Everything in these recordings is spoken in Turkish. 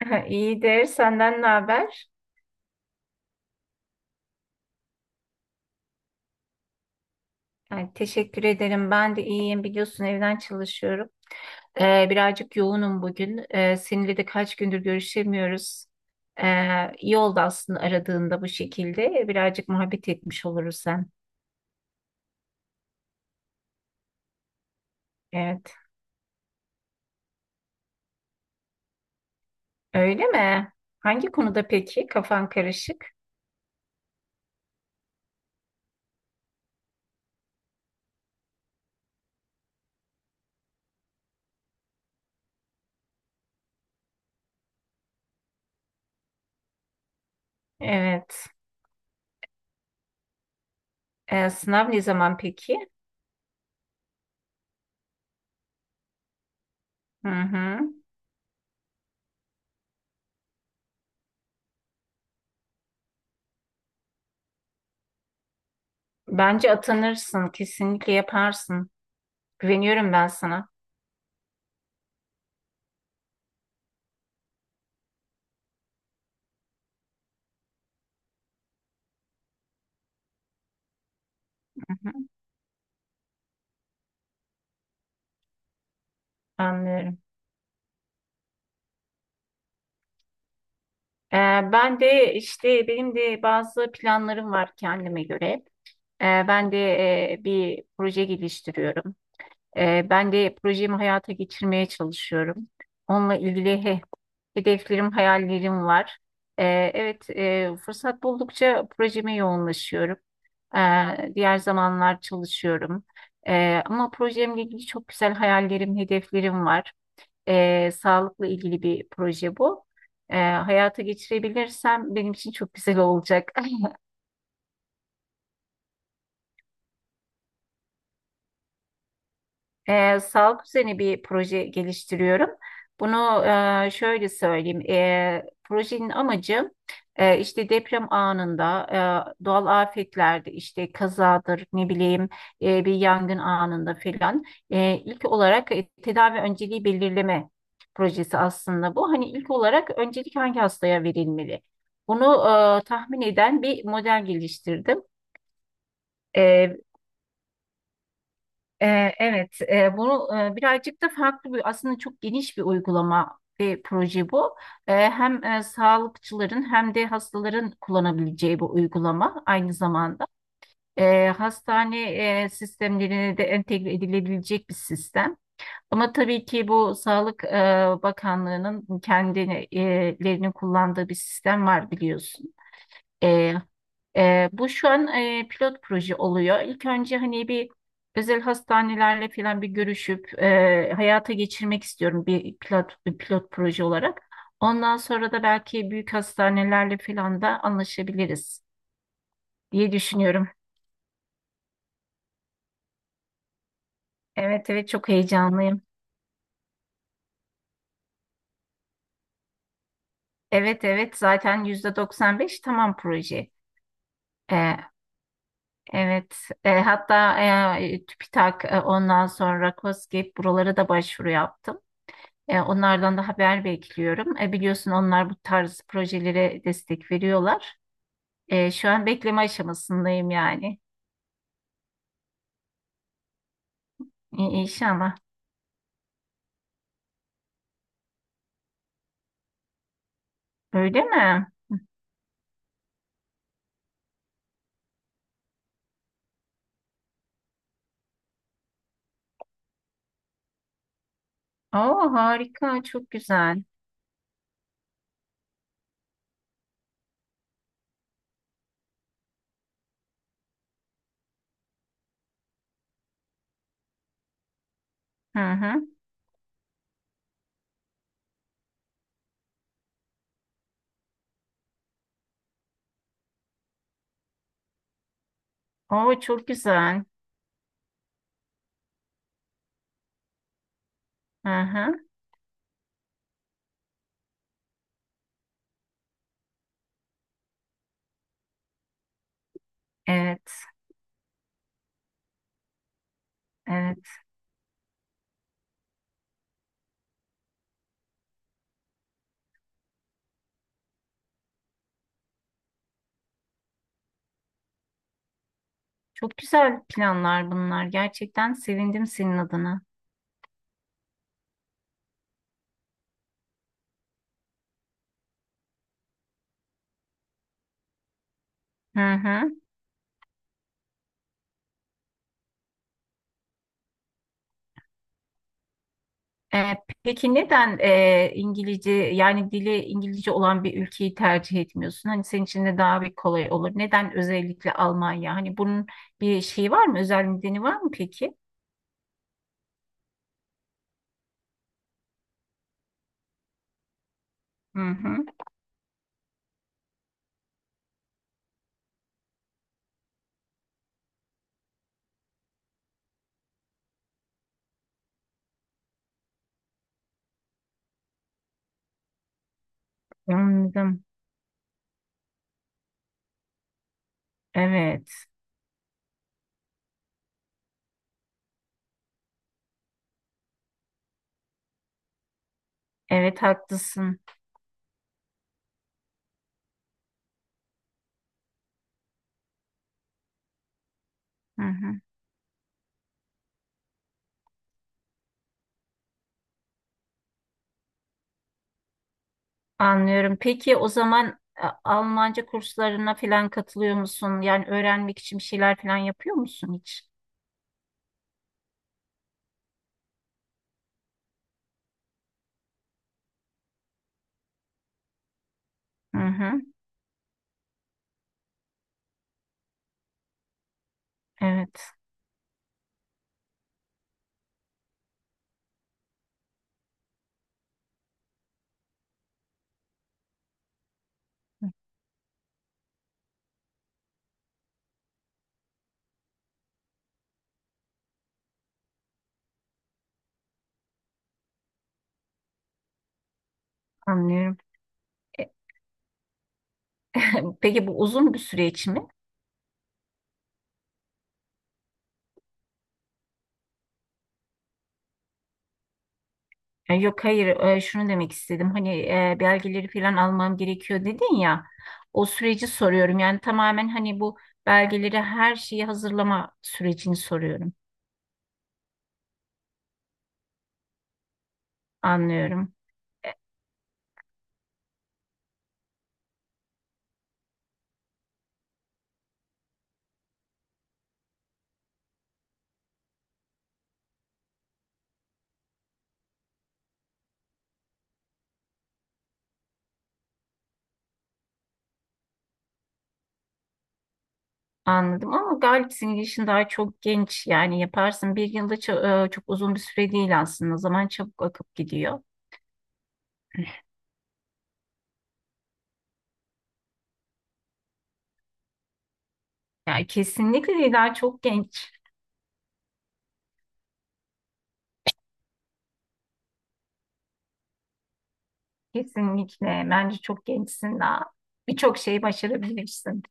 İyidir. Senden ne haber? Ay, teşekkür ederim. Ben de iyiyim. Biliyorsun evden çalışıyorum. Birazcık yoğunum bugün. Seninle de kaç gündür görüşemiyoruz. İyi oldu aslında aradığında bu şekilde. Birazcık muhabbet etmiş oluruz sen. Evet. Öyle mi? Hangi konuda peki? Kafan karışık. Evet. Sınav ne zaman peki? Hı hı. Bence atanırsın. Kesinlikle yaparsın. Güveniyorum ben sana. Hı hı. Anlıyorum. Ee, benim de bazı planlarım var kendime göre. Ee, ben de Bir proje geliştiriyorum. Ben de projemi hayata geçirmeye çalışıyorum. Onunla ilgili hedeflerim, hayallerim var. Evet, fırsat buldukça projeme yoğunlaşıyorum. Diğer zamanlar çalışıyorum. Ama projemle ilgili çok güzel hayallerim, hedeflerim var. Sağlıkla ilgili bir proje bu. Hayata geçirebilirsem benim için çok güzel olacak. Sağlık üzerine bir proje geliştiriyorum. Bunu Şöyle söyleyeyim. Projenin amacı işte deprem anında, doğal afetlerde, işte kazadır, ne bileyim bir yangın anında filan ilk olarak tedavi önceliği belirleme projesi aslında bu. Hani ilk olarak öncelik hangi hastaya verilmeli? Bunu Tahmin eden bir model geliştirdim. Evet, birazcık da farklı bir aslında çok geniş bir uygulama ve proje bu. Hem sağlıkçıların hem de hastaların kullanabileceği bir uygulama aynı zamanda. Hastane sistemlerine de entegre edilebilecek bir sistem. Ama tabii ki bu Sağlık Bakanlığı'nın kendilerinin kullandığı bir sistem var biliyorsun. Bu şu an pilot proje oluyor. İlk önce hani bir özel hastanelerle falan bir görüşüp hayata geçirmek istiyorum bir pilot proje olarak. Ondan sonra da belki büyük hastanelerle falan da anlaşabiliriz diye düşünüyorum. Evet, evet, çok heyecanlıyım. Evet, evet, zaten %95 tamam proje. Ee, evet, hatta TÜBİTAK, ondan sonra KOSGEB, buralara da başvuru yaptım. Onlardan da haber bekliyorum. Biliyorsun onlar bu tarz projelere destek veriyorlar. Şu an bekleme aşamasındayım yani. İ- İnşallah. Öyle mi? Oo harika, çok güzel. Hı hı. Oo çok güzel. Hı hı. Evet, evet. Çok güzel planlar bunlar. Gerçekten sevindim senin adına. Hı hı. E, peki neden İngilizce, yani dili İngilizce olan bir ülkeyi tercih etmiyorsun? Hani senin için de daha bir kolay olur. Neden özellikle Almanya? Hani bunun bir şeyi var mı? Özel nedeni var mı peki? Hı hı. Anladım. Evet. Evet haklısın. Hı hı. Anlıyorum. Peki o zaman Almanca kurslarına falan katılıyor musun? Yani öğrenmek için bir şeyler falan yapıyor musun hiç? Hı hı. Evet. Anlıyorum. E, Peki bu uzun bir süreç mi? Yok, hayır, şunu demek istedim hani belgeleri falan almam gerekiyor dedin ya, o süreci soruyorum, yani tamamen hani bu belgeleri her şeyi hazırlama sürecini soruyorum. Anlıyorum. E, Anladım, ama Galip senin yaşın daha çok genç, yani yaparsın bir yılda, çok uzun bir süre değil aslında, zaman çabuk akıp gidiyor. Yani kesinlikle değil, daha çok genç. Kesinlikle bence çok gençsin, daha birçok şeyi başarabilirsin.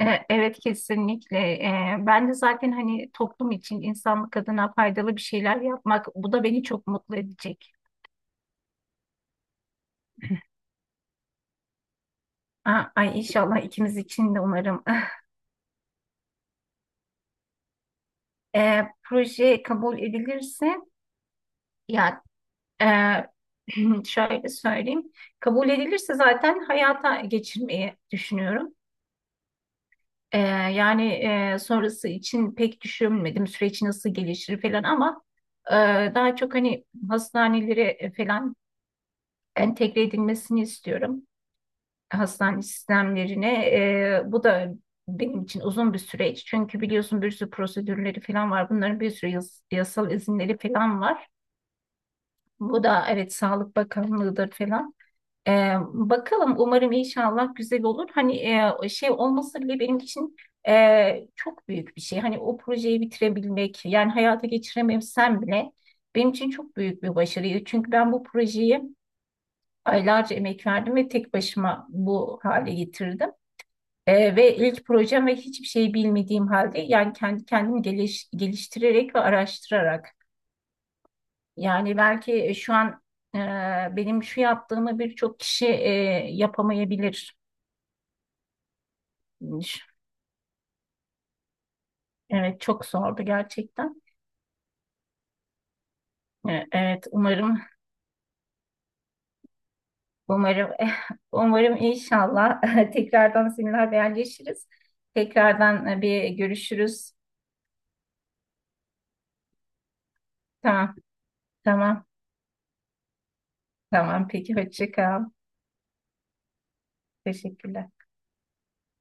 Evet kesinlikle. Ben de zaten hani toplum için insanlık adına faydalı bir şeyler yapmak, bu da beni çok mutlu edecek. Aa, ay inşallah ikimiz için de umarım. Proje kabul edilirse ya, e, şöyle söyleyeyim. Kabul edilirse zaten hayata geçirmeyi düşünüyorum. E, yani Sonrası için pek düşünmedim süreç nasıl gelişir falan, ama e, daha çok hani hastanelere falan entegre edilmesini istiyorum. Hastane sistemlerine. Bu da benim için uzun bir süreç. Çünkü biliyorsun bir sürü prosedürleri falan var. Bunların bir sürü yasal izinleri falan var. Bu da evet, Sağlık Bakanlığı'dır falan. E, Bakalım, umarım inşallah güzel olur. Hani şey olması bile benim için çok büyük bir şey. Hani o projeyi bitirebilmek, yani hayata geçirememsem bile benim için çok büyük bir başarıydı. Çünkü ben bu projeyi aylarca emek verdim ve tek başıma bu hale getirdim. Ve ilk projem ve hiçbir şey bilmediğim halde, yani kendi kendimi geliştirerek ve araştırarak, yani belki şu an e, benim şu yaptığımı birçok kişi yapamayabilir. Evet çok zordu gerçekten. Evet umarım. umarım Umarım inşallah. Tekrardan seninle haberleşiriz. Tekrardan bir görüşürüz. Tamam tamam tamam, peki hoşça kal. Teşekkürler.